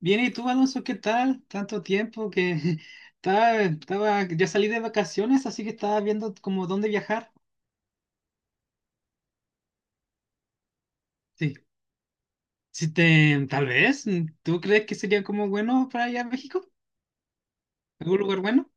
Bien, ¿y tú, Alonso, qué tal? Tanto tiempo. Que Estaba, ya salí de vacaciones, así que estaba viendo como dónde viajar. Sí. Si te, tal vez, ¿tú crees que sería como bueno para allá a México? ¿Algún lugar bueno?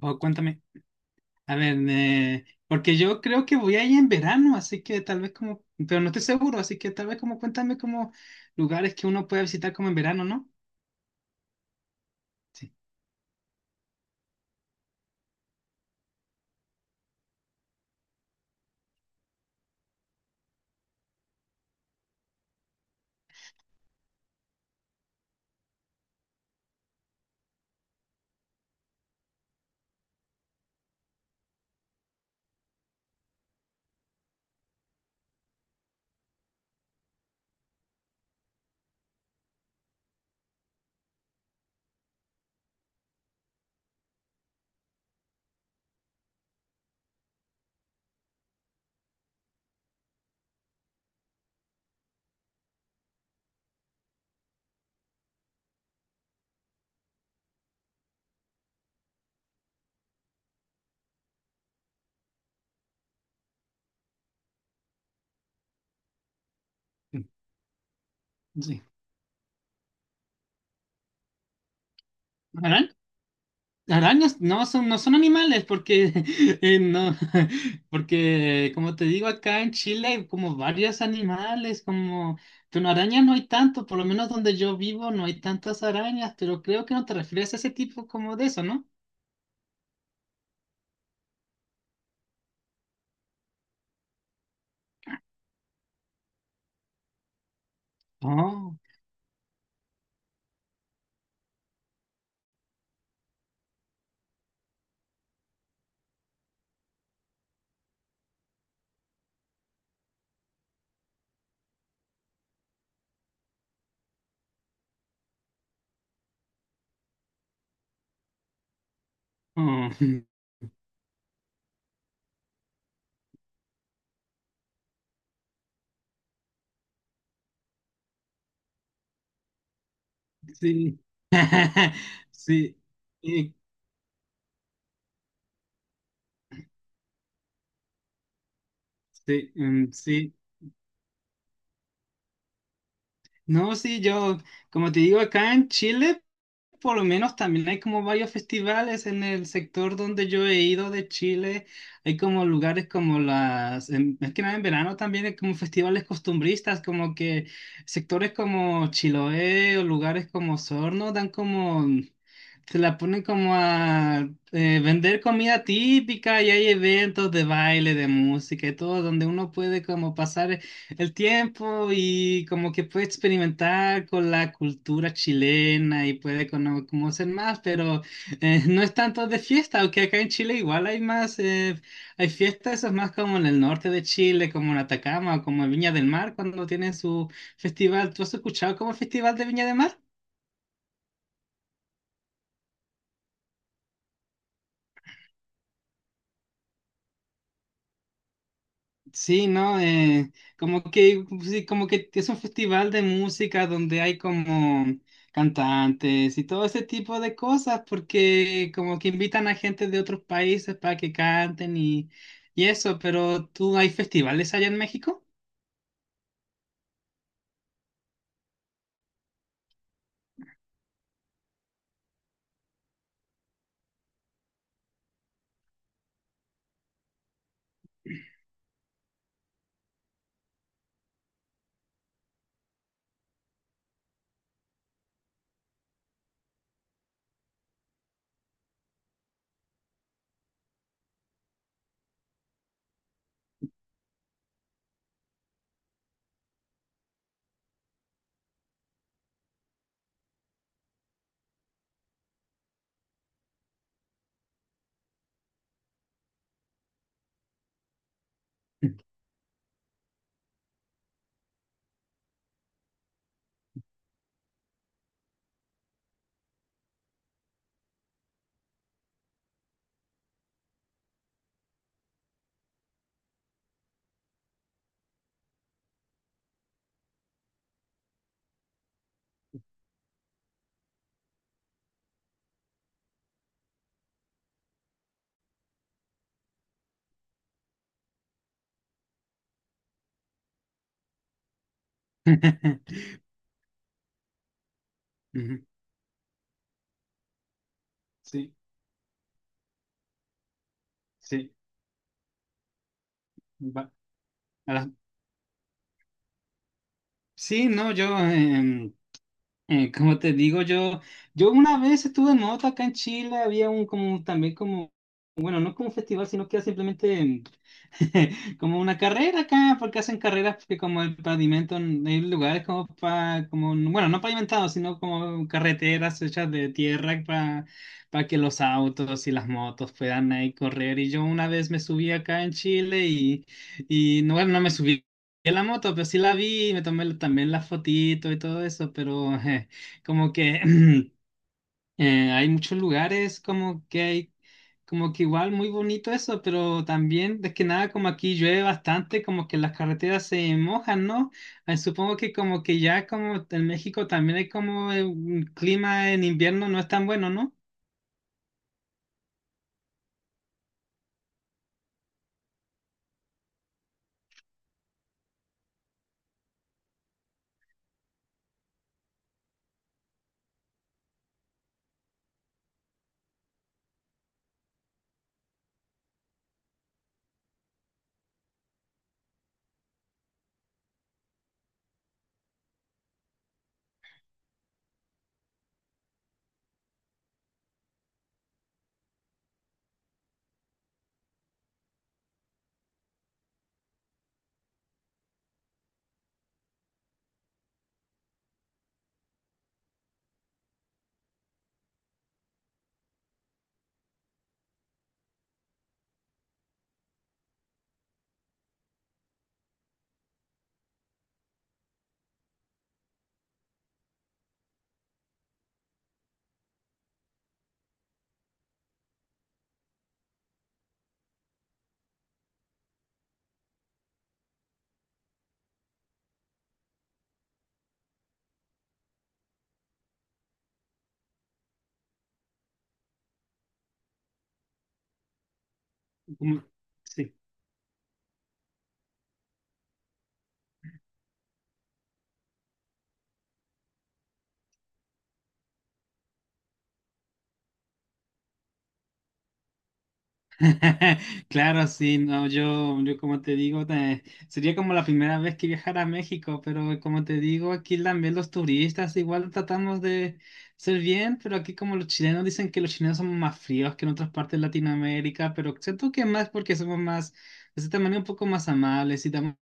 O cuéntame. A ver, porque yo creo que voy ahí en verano, así que tal vez como, pero no estoy seguro, así que tal vez como cuéntame como lugares que uno puede visitar como en verano, ¿no? Sí, sí. Arañas no son animales porque no, porque como te digo acá en Chile hay como varios animales, como, pero arañas no hay tanto, por lo menos donde yo vivo no hay tantas arañas, pero creo que no te refieres a ese tipo como de eso, ¿no? Oh, oh, sí, sí, sí, sí, mm, sí. No, sí, yo, como te digo, acá en Chile. Por lo menos también hay como varios festivales en el sector donde yo he ido de Chile. Hay como lugares como las, en- es que nada, en verano también hay como festivales costumbristas, como que sectores como Chiloé o lugares como Sorno dan como, se la ponen como a vender comida típica y hay eventos de baile, de música y todo, donde uno puede como pasar el tiempo y como que puede experimentar con la cultura chilena y puede cono- conocer más, pero no es tanto de fiesta, aunque acá en Chile igual hay más, hay fiestas, eso es más como en el norte de Chile, como en Atacama o como en Viña del Mar, cuando tienen su festival. ¿Tú has escuchado como el Festival de Viña del Mar? Sí, ¿no? Como que, sí, como que es un festival de música donde hay como cantantes y todo ese tipo de cosas, porque como que invitan a gente de otros países para que canten y eso, pero ¿tú hay festivales allá en México? Ujú. Sí, sí. va- a la- Sí, no, yo, como te digo, yo una vez estuve en moto acá en Chile, había un como también como no es como un festival, sino que es simplemente como una carrera acá, porque hacen carreras porque como el pavimento, hay lugares como para, como, bueno, no pavimentados, sino como carreteras hechas de tierra para que los autos y las motos puedan ahí correr. Y yo una vez me subí acá en Chile y no, bueno, no me subí. En la moto, pero sí la vi, me tomé también la fotito y todo eso, pero como que hay muchos lugares como que hay, como que igual muy bonito eso, pero también, es que nada, como aquí llueve bastante, como que las carreteras se mojan, ¿no? Supongo que como que ya como en México también hay como un clima en invierno no es tan bueno, ¿no? Como- sí. Claro, sí, no, yo como te digo, te- sería como la primera vez que viajara a México, pero como te digo, aquí también los turistas igual tratamos de ser bien, pero aquí como los chilenos dicen que los chilenos somos más fríos que en otras partes de Latinoamérica, pero siento que más porque somos más, de cierta manera, un poco más amables y damos-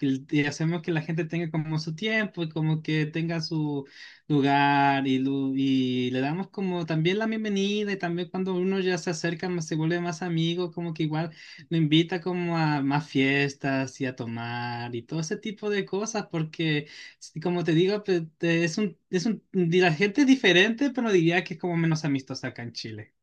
y hacemos que la gente tenga como su tiempo y como que tenga su lugar y, lu- y le damos como también la bienvenida y también cuando uno ya se acerca, más- se vuelve más amigo, como que igual lo invita como a más fiestas y a tomar y todo ese tipo de cosas porque, sí, como te digo, pues, te- es un, la gente es diferente, pero diría que es como menos amistosa acá en Chile.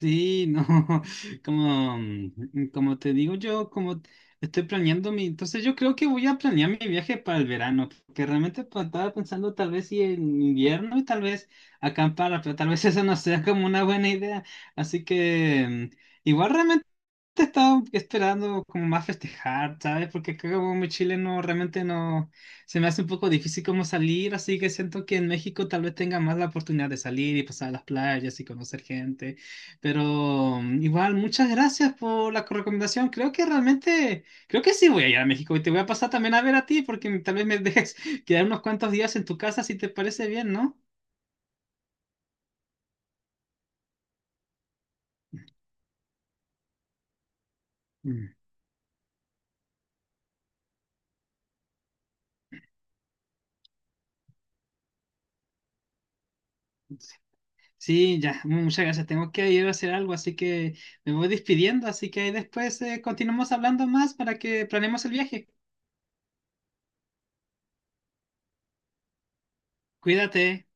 Sí, no, como, mm, como te digo yo, como estoy planeando mi, entonces yo creo que voy a planear mi viaje para el verano, porque realmente pues, estaba pensando tal vez si en invierno y tal vez acampar, pero tal vez esa no sea como una buena idea, así que mm, igual realmente te estaba esperando como más festejar, ¿sabes? Porque acá como muy chileno realmente no, se me hace un poco difícil como salir, así que siento que en México tal vez tenga más la oportunidad de salir y pasar a las playas y conocer gente, pero mm, igual muchas gracias por la recomendación, creo que realmente, creo que sí voy a ir a México y te voy a pasar también a ver a ti porque tal vez me dejes quedar unos cuantos días en tu casa si te parece bien, ¿no? Mm. Sí, ya, muchas gracias. Tengo que ir a hacer algo, así que me voy despidiendo. Así que ahí después continuamos hablando más para que planeemos el viaje. Cuídate.